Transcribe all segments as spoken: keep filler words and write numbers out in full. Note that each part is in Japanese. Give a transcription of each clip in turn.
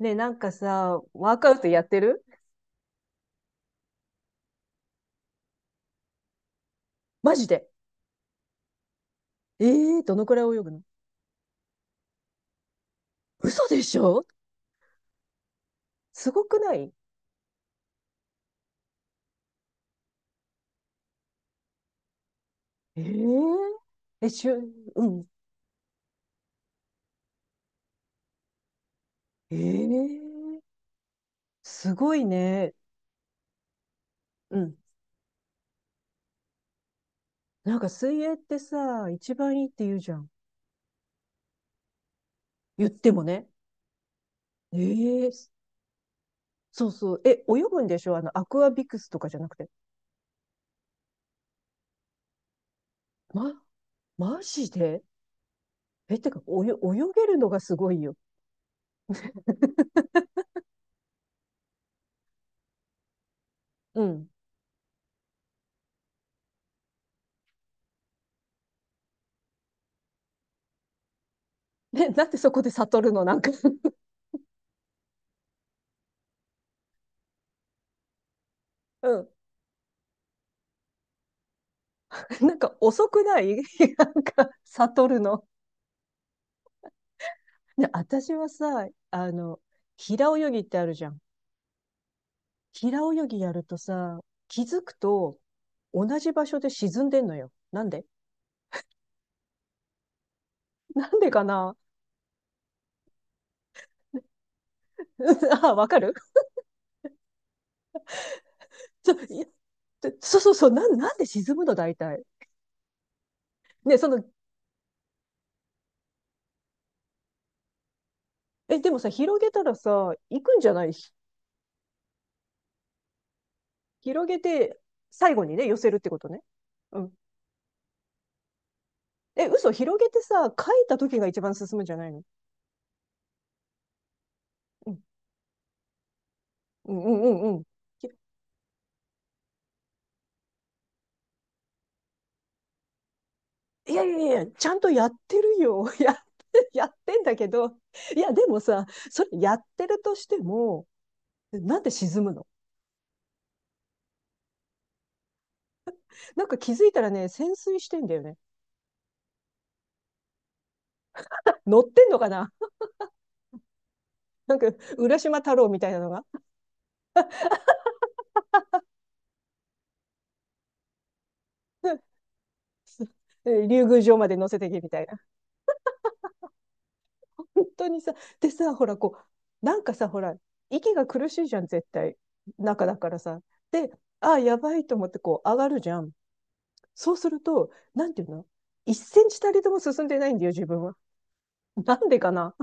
ねえ、なんかさ、ワークアウトやってる？マジで。ええー、どのくらい泳ぐの？嘘でしょ？すごくない？ええー、え、しゅ、うん。ええー、すごいね。うん。なんか水泳ってさ、一番いいって言うじゃん。言ってもね。ええー、そうそう。え、泳ぐんでしょ？あの、アクアビクスとかじゃなくて。ま、マジで？え、てか、およ、泳げるのがすごいよ。うん。ね、なんでそこで悟るの？なんか。 うん。なんか遅くない？ なんか悟るの。で、私はさ、あの、平泳ぎってあるじゃん。平泳ぎやるとさ、気づくと同じ場所で沈んでんのよ。なんで？なんでかな？ あ、わかる。 ちょいや、そうそうそう、なん、なんで沈むの大体。ね、その、え、でもさ、広げたらさ、行くんじゃない？ひ広げて、最後にね、寄せるってことね。うん。え、嘘、広げてさ、書いた時が一番進むんじゃないの？うん、うん、うん、うん。うん。いやいやいや、ちゃんとやってるよ。や、やってんだけど。いや、でもさ、それやってるとしても、なんで沈むの？なんか気づいたらね、潜水してんだよね。乗ってんのかな？ なんか、浦島太郎みたいなのが、竜宮城まで乗せてけみたいな。本当にさ、でさ、ほら、こう、なんかさ、ほら、息が苦しいじゃん、絶対。中だからさ。で、ああ、やばいと思って、こう、上がるじゃん。そうすると、なんていうの？ いち センチたりとも進んでないんだよ、自分は。なんでかな？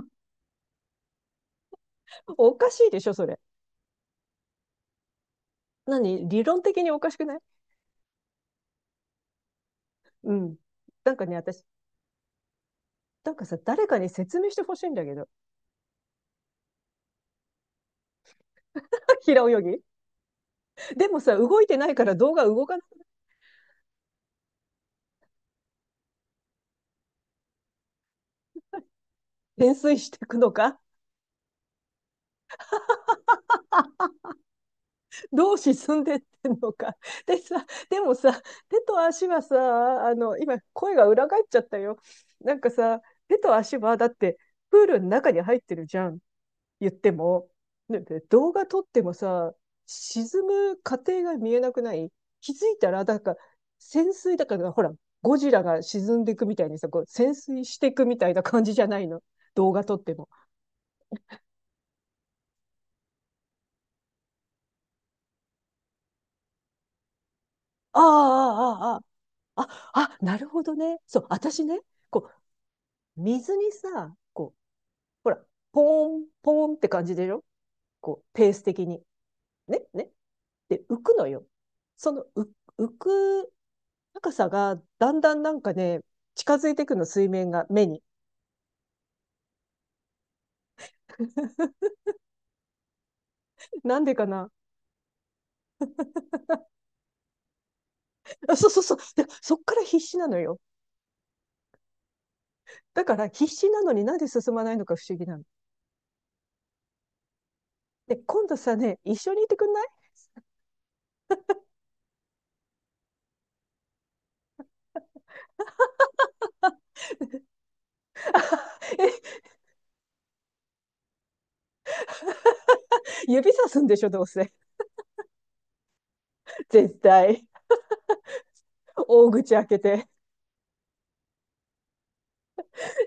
おかしいでしょ、それ。何？理論的におかしくない？うん。なんかね、私、なんかさ、誰かに説明してほしいんだけど。平泳ぎ。でもさ、動いてないから動画動かない。潜水していくのか？どう沈んでってんのか。でさ、でもさ、手と足はさ、あの、今、声が裏返っちゃったよ。なんかさ、手と足は、だって、プールの中に入ってるじゃん。言っても、ね。動画撮ってもさ、沈む過程が見えなくない？気づいたら、だから、潜水だから、ほら、ゴジラが沈んでいくみたいにさ、こう潜水していくみたいな感じじゃないの。動画撮っても。ああ、ああ、ああ、あ、あ、なるほどね。そう、私ね、こう、水にさ、こう、ほら、ポーン、ポーンって感じでしょ？こう、ペース的に。ね、ね。で、浮くのよ。その、う浮く高さがだんだんなんかね、近づいてくの、水面が、目に。なんでかな？あ、そうそうそう。で、そっから必死なのよ。だから必死なのになんで進まないのか不思議なの。で、今度さね、一緒にいてくんない？ え、指さすんでしょ、どうせ。絶対。大口開けて。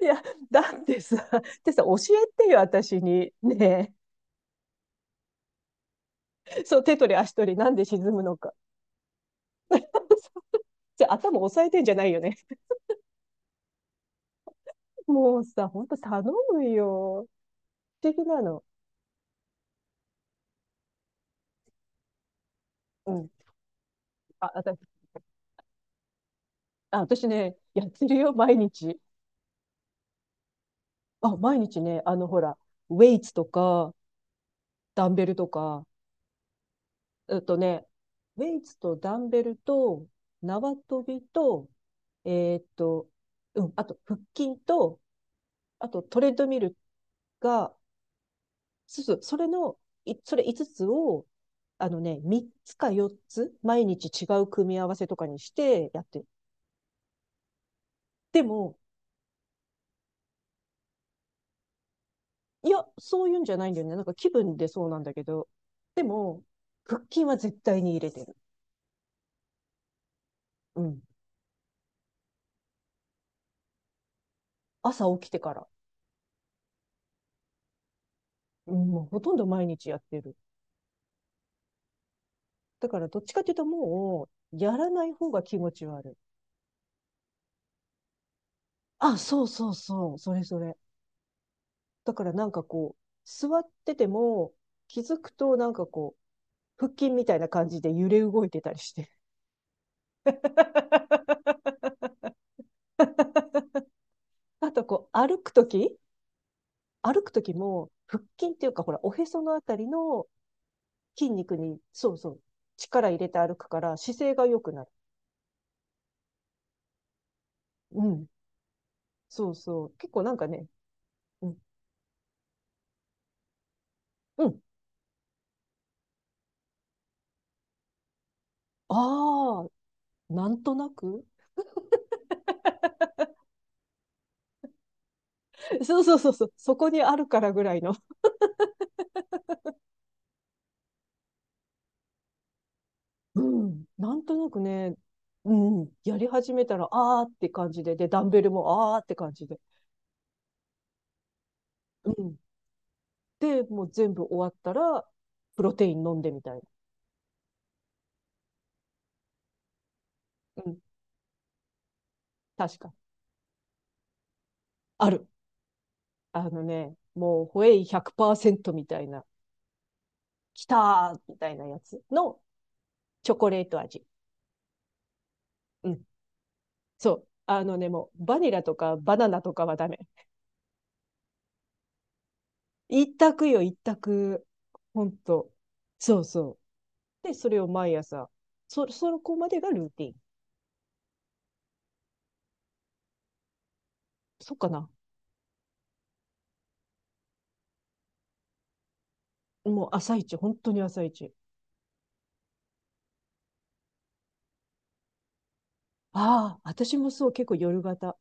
いや、だってさ、ってさ、教えてよ、私に。ねえ。そう、手取り足取り、なんで沈むのか。じゃあ、頭押さえてんじゃないよね。もうさ、ほんと頼むよ。不思議なの。うん。あ、私。あ、私ね、やってるよ、毎日。あ、毎日ね、あの、ほら、ウェイツとか、ダンベルとか、えっとね、ウェイツとダンベルと、縄跳びと、えーっと、うん、あと、腹筋と、あと、トレッドミルが、そうそう、それの、い、それいつつつを、あのね、みっつかよっつ、毎日違う組み合わせとかにしてやってる。でも、いや、そういうんじゃないんだよね。なんか気分でそうなんだけど。でも、腹筋は絶対に入れてる。うん。朝起きてから。うん、もうほとんど毎日やってる。だからどっちかっていうともう、やらない方が気持ち悪い。あ、そうそうそう。それそれ。だからなんかこう、座ってても、気づくとなんかこう、腹筋みたいな感じで揺れ動いてたりして。あとこう、歩くとき歩くときも、腹筋っていうか、ほら、おへそのあたりの筋肉に、そうそう、力入れて歩くから姿勢が良くなる。うん。そうそう。結構なんかね、うん。うん。ああ、なんとなく。 そうそうそうそう。そこにあるからぐらいの。うん。なんとなくね、うん。やり始めたら、ああって感じで、で、ダンベルもああって感じで。うん。で、もう全部終わったら、プロテイン飲んでみたいな。うん。確か。ある。あのね、もう、ホエイひゃくパーセントみたいな、きたーみたいなやつのチョコレート味。うん。そう。あのね、もう、バニラとかバナナとかはダメ。一択よ、一択。ほんと。そうそう。で、それを毎朝。そ、そこまでがルーティン。そっかな。もう朝一、本当に朝一。ああ、私もそう、結構夜型。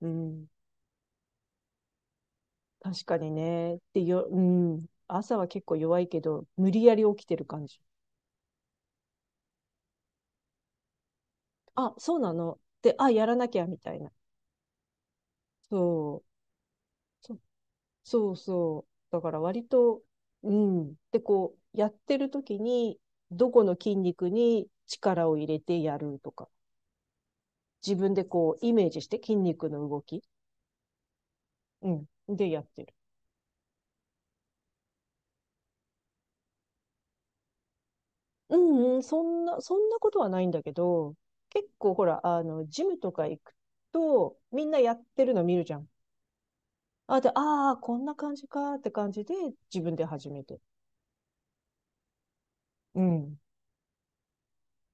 うん。確かにね。で、よ、うん。朝は結構弱いけど、無理やり起きてる感じ。あ、そうなの。で、あ、やらなきゃ、みたいな。そう。そうそう。だから割と、うん。で、こう、やってる時に、どこの筋肉に力を入れてやるとか、自分でこう、イメージして筋肉の動き、うん。でやってる。うんうん、そんな、そんなことはないんだけど、結構ほら、あの、ジムとか行くと、みんなやってるの見るじゃん。あ、で、ああ、こんな感じかって感じで、自分で始めて。うん。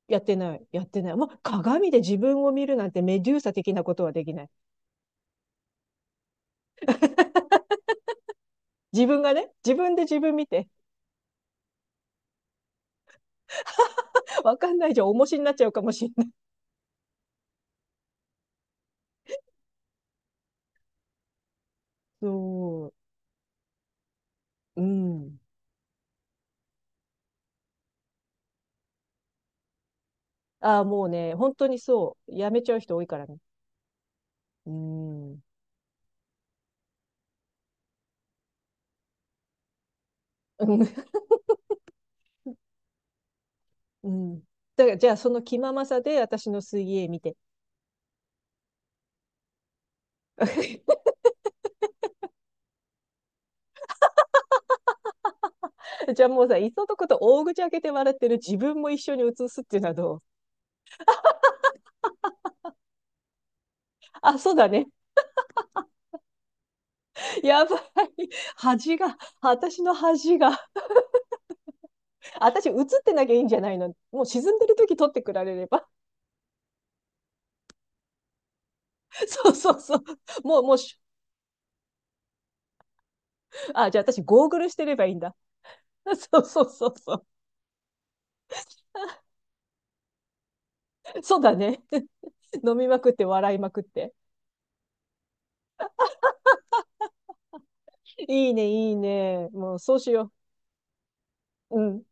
やってない、やってない。まあ、鏡で自分を見るなんてメデューサ的なことはできない。自分がね、自分で自分見て、わかんないじゃん、重しになっちゃうかもしれない。そう。うん。ああ、もうね、本当にそう。やめちゃう人多いからね。うん。うん。うん。だから、じゃあ、その気ままさで私の水泳見て。じゃあもうさ、いっそのこと大口開けて笑ってる自分も一緒に映すっていうのはどう？あ、そうだね。やばい。恥が、私の恥が。私映ってなきゃいいんじゃないの。もう沈んでる時撮ってくられれば。そうそうそう。もう、もう、あ、じゃあ私ゴーグルしてればいいんだ。そうそうそうそう。そうだね。飲みまくって笑いまくって。いいね、いいね。もうそうしよう。うん。